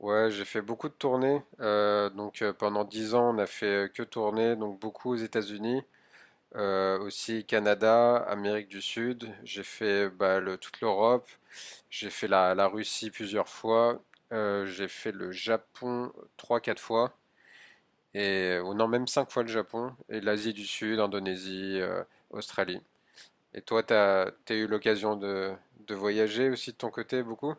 Ouais, j'ai fait beaucoup de tournées. Pendant 10 ans, on a fait que tourner, donc beaucoup aux États-Unis, aussi Canada, Amérique du Sud. J'ai fait toute l'Europe. J'ai fait la Russie plusieurs fois. J'ai fait le Japon trois, quatre fois. Et, ou non, même 5 fois le Japon. Et l'Asie du Sud, Indonésie, Australie. Et toi, t'as eu l'occasion de voyager aussi de ton côté beaucoup?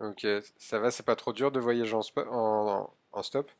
Ok, ça va, c'est pas trop dur de voyager en stop?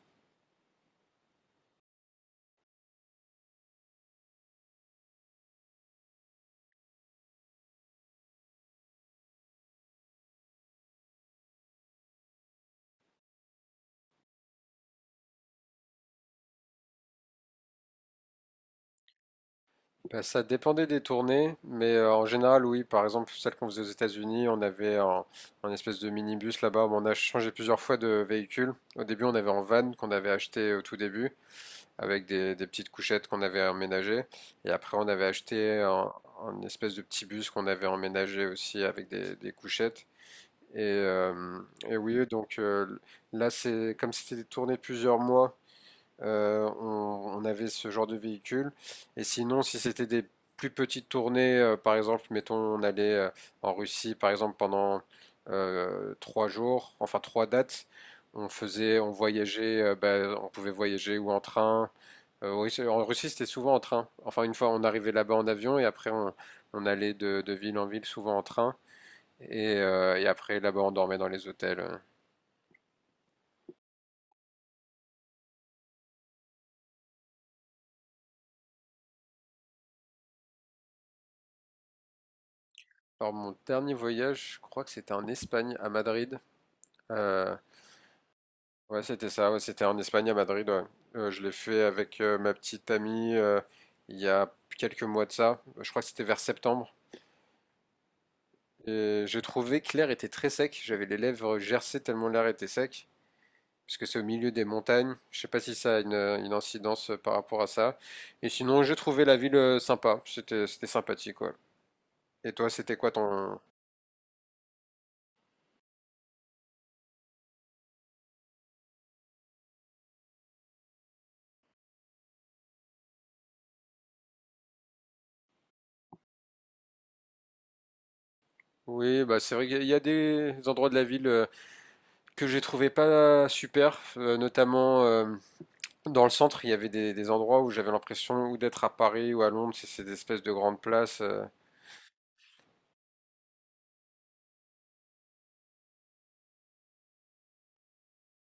Ben ça dépendait des tournées, mais en général, oui. Par exemple, celle qu'on faisait aux États-Unis, on avait un espèce de minibus là-bas. Bon, on a changé plusieurs fois de véhicule. Au début, on avait un van qu'on avait acheté au tout début, avec des petites couchettes qu'on avait emménagées. Et après, on avait acheté un espèce de petit bus qu'on avait emménagé aussi avec des couchettes. Et, euh, et oui, là, c'est comme c'était tourné plusieurs mois on avait ce genre de véhicule. Et sinon, si c'était des plus petites tournées, par exemple, mettons, on allait en Russie, par exemple, pendant 3 jours, enfin trois dates, on voyageait, on pouvait voyager ou en train. Oui, en Russie, c'était souvent en train. Enfin, une fois, on arrivait là-bas en avion et après, on allait de ville en ville, souvent en train. Et après, là-bas, on dormait dans les hôtels. Alors, mon dernier voyage, je crois que c'était en Espagne, à Madrid. Euh, Ouais, c'était ça. Ouais, c'était en Espagne, à Madrid. Ouais. Je l'ai fait avec ma petite amie il y a quelques mois de ça. Je crois que c'était vers septembre. Et j'ai trouvé que l'air était très sec. J'avais les lèvres gercées tellement l'air était sec. Parce que c'est au milieu des montagnes. Je sais pas si ça a une incidence par rapport à ça. Et sinon, j'ai trouvé la ville sympa. C'était sympathique, ouais. Et toi, c'était quoi ton… Oui, bah c'est vrai qu'il y a des endroits de la ville que j'ai trouvé pas super, notamment dans le centre, il y avait des endroits où j'avais l'impression ou d'être à Paris ou à Londres, c'est ces espèces de grandes places,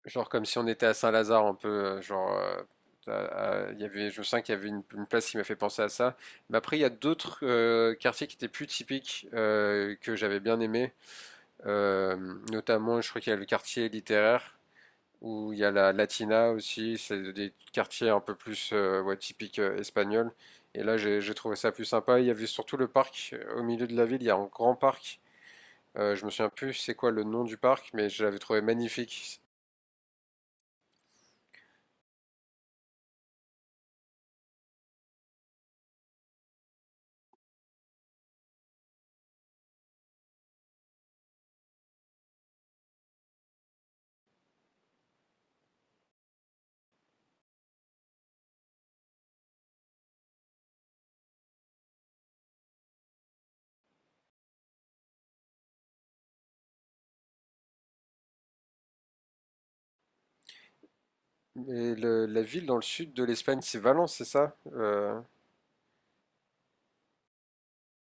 genre comme si on était à Saint-Lazare un peu, genre il y avait, je sens qu'il y avait une place qui m'a fait penser à ça. Mais après, il y a d'autres quartiers qui étaient plus typiques que j'avais bien aimé. Euh, Notamment, je crois qu'il y a le quartier littéraire où il y a la Latina aussi, c'est des quartiers un peu plus ouais, typiques espagnols. Et là, j'ai trouvé ça plus sympa. Il y avait surtout le parc au milieu de la ville, il y a un grand parc. Je me souviens plus c'est quoi le nom du parc, mais je l'avais trouvé magnifique. Et la ville dans le sud de l'Espagne, c'est Valence, c'est ça?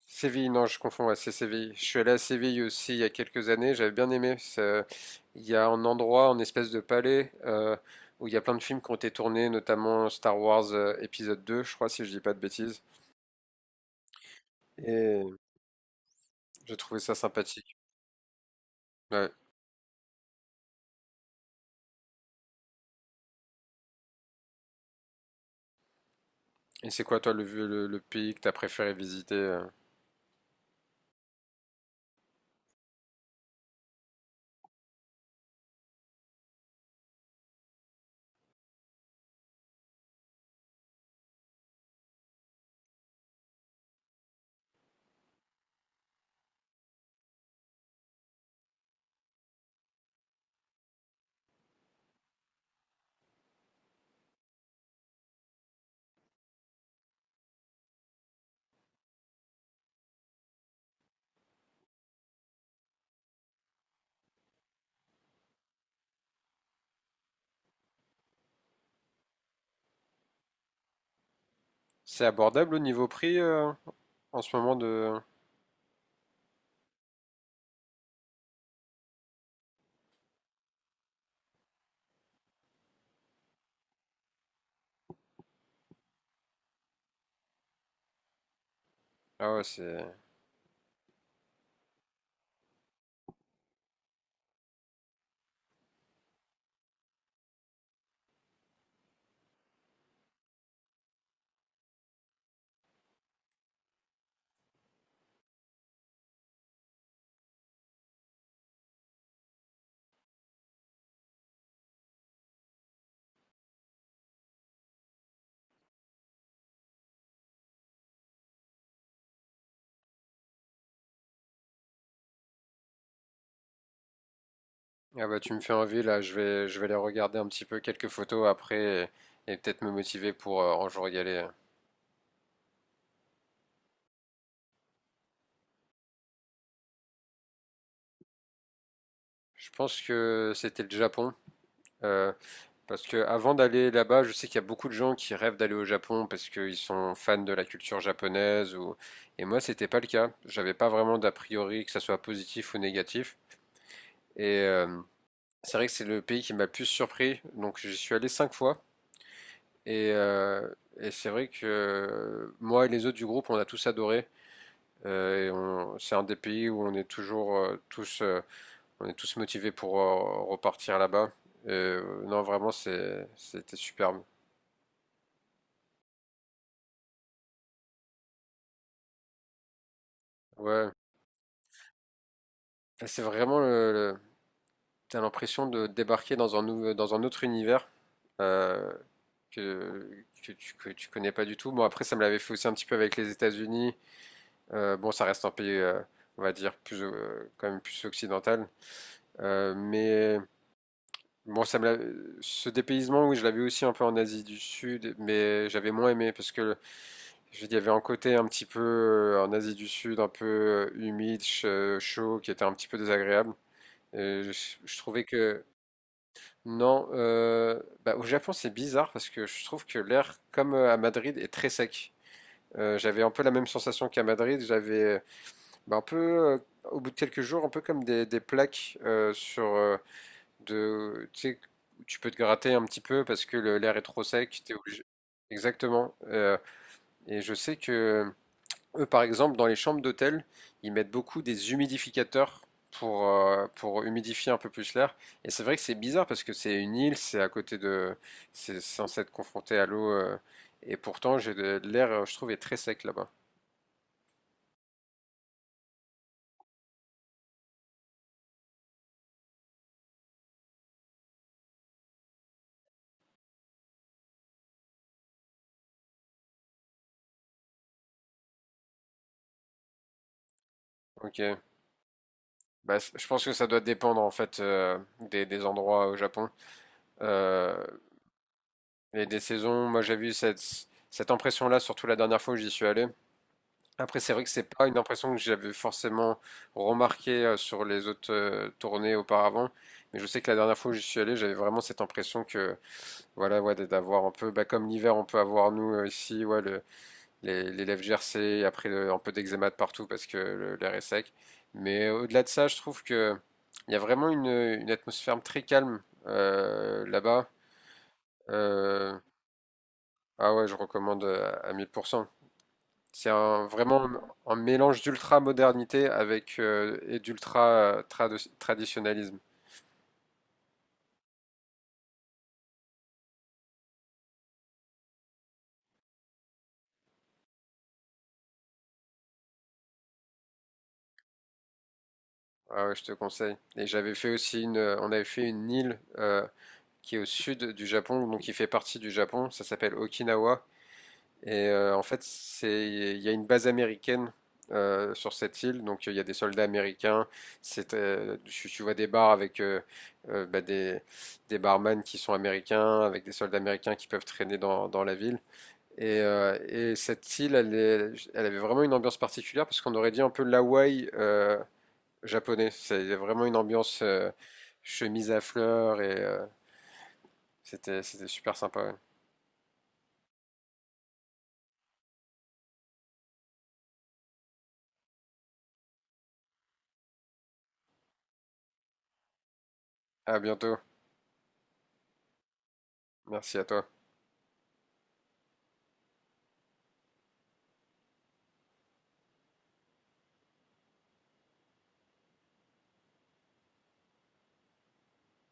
Séville, non, je confonds, ouais, c'est Séville. Je suis allé à Séville aussi il y a quelques années, j'avais bien aimé. Il y a un endroit, une espèce de palais, où il y a plein de films qui ont été tournés, notamment Star Wars épisode 2, je crois, si je dis pas de bêtises. Et j'ai trouvé ça sympathique. Ouais. Et c'est quoi, toi, le pays que t'as préféré visiter? C'est abordable au niveau prix, en ce moment de… Ah ouais, c'est… Ah bah, tu me fais envie, là, je vais aller regarder un petit peu quelques photos après et peut-être me motiver pour un jour y aller. Je pense que c'était le Japon. euh, Parce que avant d'aller là-bas, je sais qu'il y a beaucoup de gens qui rêvent d'aller au Japon parce qu'ils sont fans de la culture japonaise ou… Et moi, c'était pas le cas. J'avais pas vraiment d'a priori que ça soit positif ou négatif. Et euh, c'est vrai que c'est le pays qui m'a le plus surpris. Donc j'y suis allé cinq fois. Et, euh, et c'est vrai que moi et les autres du groupe, on a tous adoré. C'est un des pays où on est toujours tous on est tous motivés pour repartir là-bas. Non, vraiment, c'était superbe. Ouais. C'est vraiment t'as l'impression de débarquer dans un dans un autre univers euh, que, que tu connais pas du tout. Bon, après, ça me l'avait fait aussi un petit peu avec les États-Unis. Bon, ça reste un pays, on va dire, quand même plus occidental. Euh, mais bon, ça me l'a- Ce dépaysement, oui, je l'avais aussi un peu en Asie du Sud, mais j'avais moins aimé parce que, je veux dire, il y avait un côté un petit peu en Asie du Sud, un peu humide, chaud, qui était un petit peu désagréable. Et je trouvais que non, au Japon c'est bizarre parce que je trouve que l'air, comme à Madrid, est très sec. J'avais un peu la même sensation qu'à Madrid. J'avais un peu, au bout de quelques jours, un peu comme des plaques sur de, tu sais, où tu peux te gratter un petit peu parce que l'air est trop sec. T'es obligé. Exactement. Et je sais que eux, par exemple, dans les chambres d'hôtel, ils mettent beaucoup des humidificateurs pour humidifier un peu plus l'air. Et c'est vrai que c'est bizarre parce que c'est une île, c'est à côté de, c'est censé être confronté à l'eau. Et pourtant, j'ai de l'air, je trouve, est très sec là-bas. Ok. Bah, je pense que ça doit dépendre en fait des endroits au Japon euh, et des saisons. Moi, j'ai vu cette impression-là, surtout la dernière fois où j'y suis allé. Après, c'est vrai que c'est pas une impression que j'avais forcément remarquée sur les autres tournées auparavant, mais je sais que la dernière fois où j'y suis allé, j'avais vraiment cette impression que, voilà, ouais, d'avoir un peu, bah, comme l'hiver, on peut avoir nous ici, ouais, les lèvres gercées, et après un peu d'eczéma de partout parce que l'air est sec. Mais au-delà de ça, je trouve que il y a vraiment une atmosphère très calme là-bas. Euh, ah ouais, je recommande à 1000%. Vraiment un mélange d'ultra-modernité avec et d'ultra-traditionnalisme. Ah ouais, je te conseille. Et j'avais fait aussi on avait fait une île qui est au sud du Japon, donc qui fait partie du Japon. Ça s'appelle Okinawa. En fait, il y a une base américaine sur cette île, donc il y a des soldats américains. Tu vois des bars avec euh, bah, des, des barman qui sont américains, avec des soldats américains qui peuvent traîner dans la ville. Et cette île, elle avait vraiment une ambiance particulière parce qu'on aurait dit un peu l'Hawaï japonais. C'est il y a vraiment une ambiance chemise à fleurs c'était super sympa. Ouais. À bientôt. Merci à toi.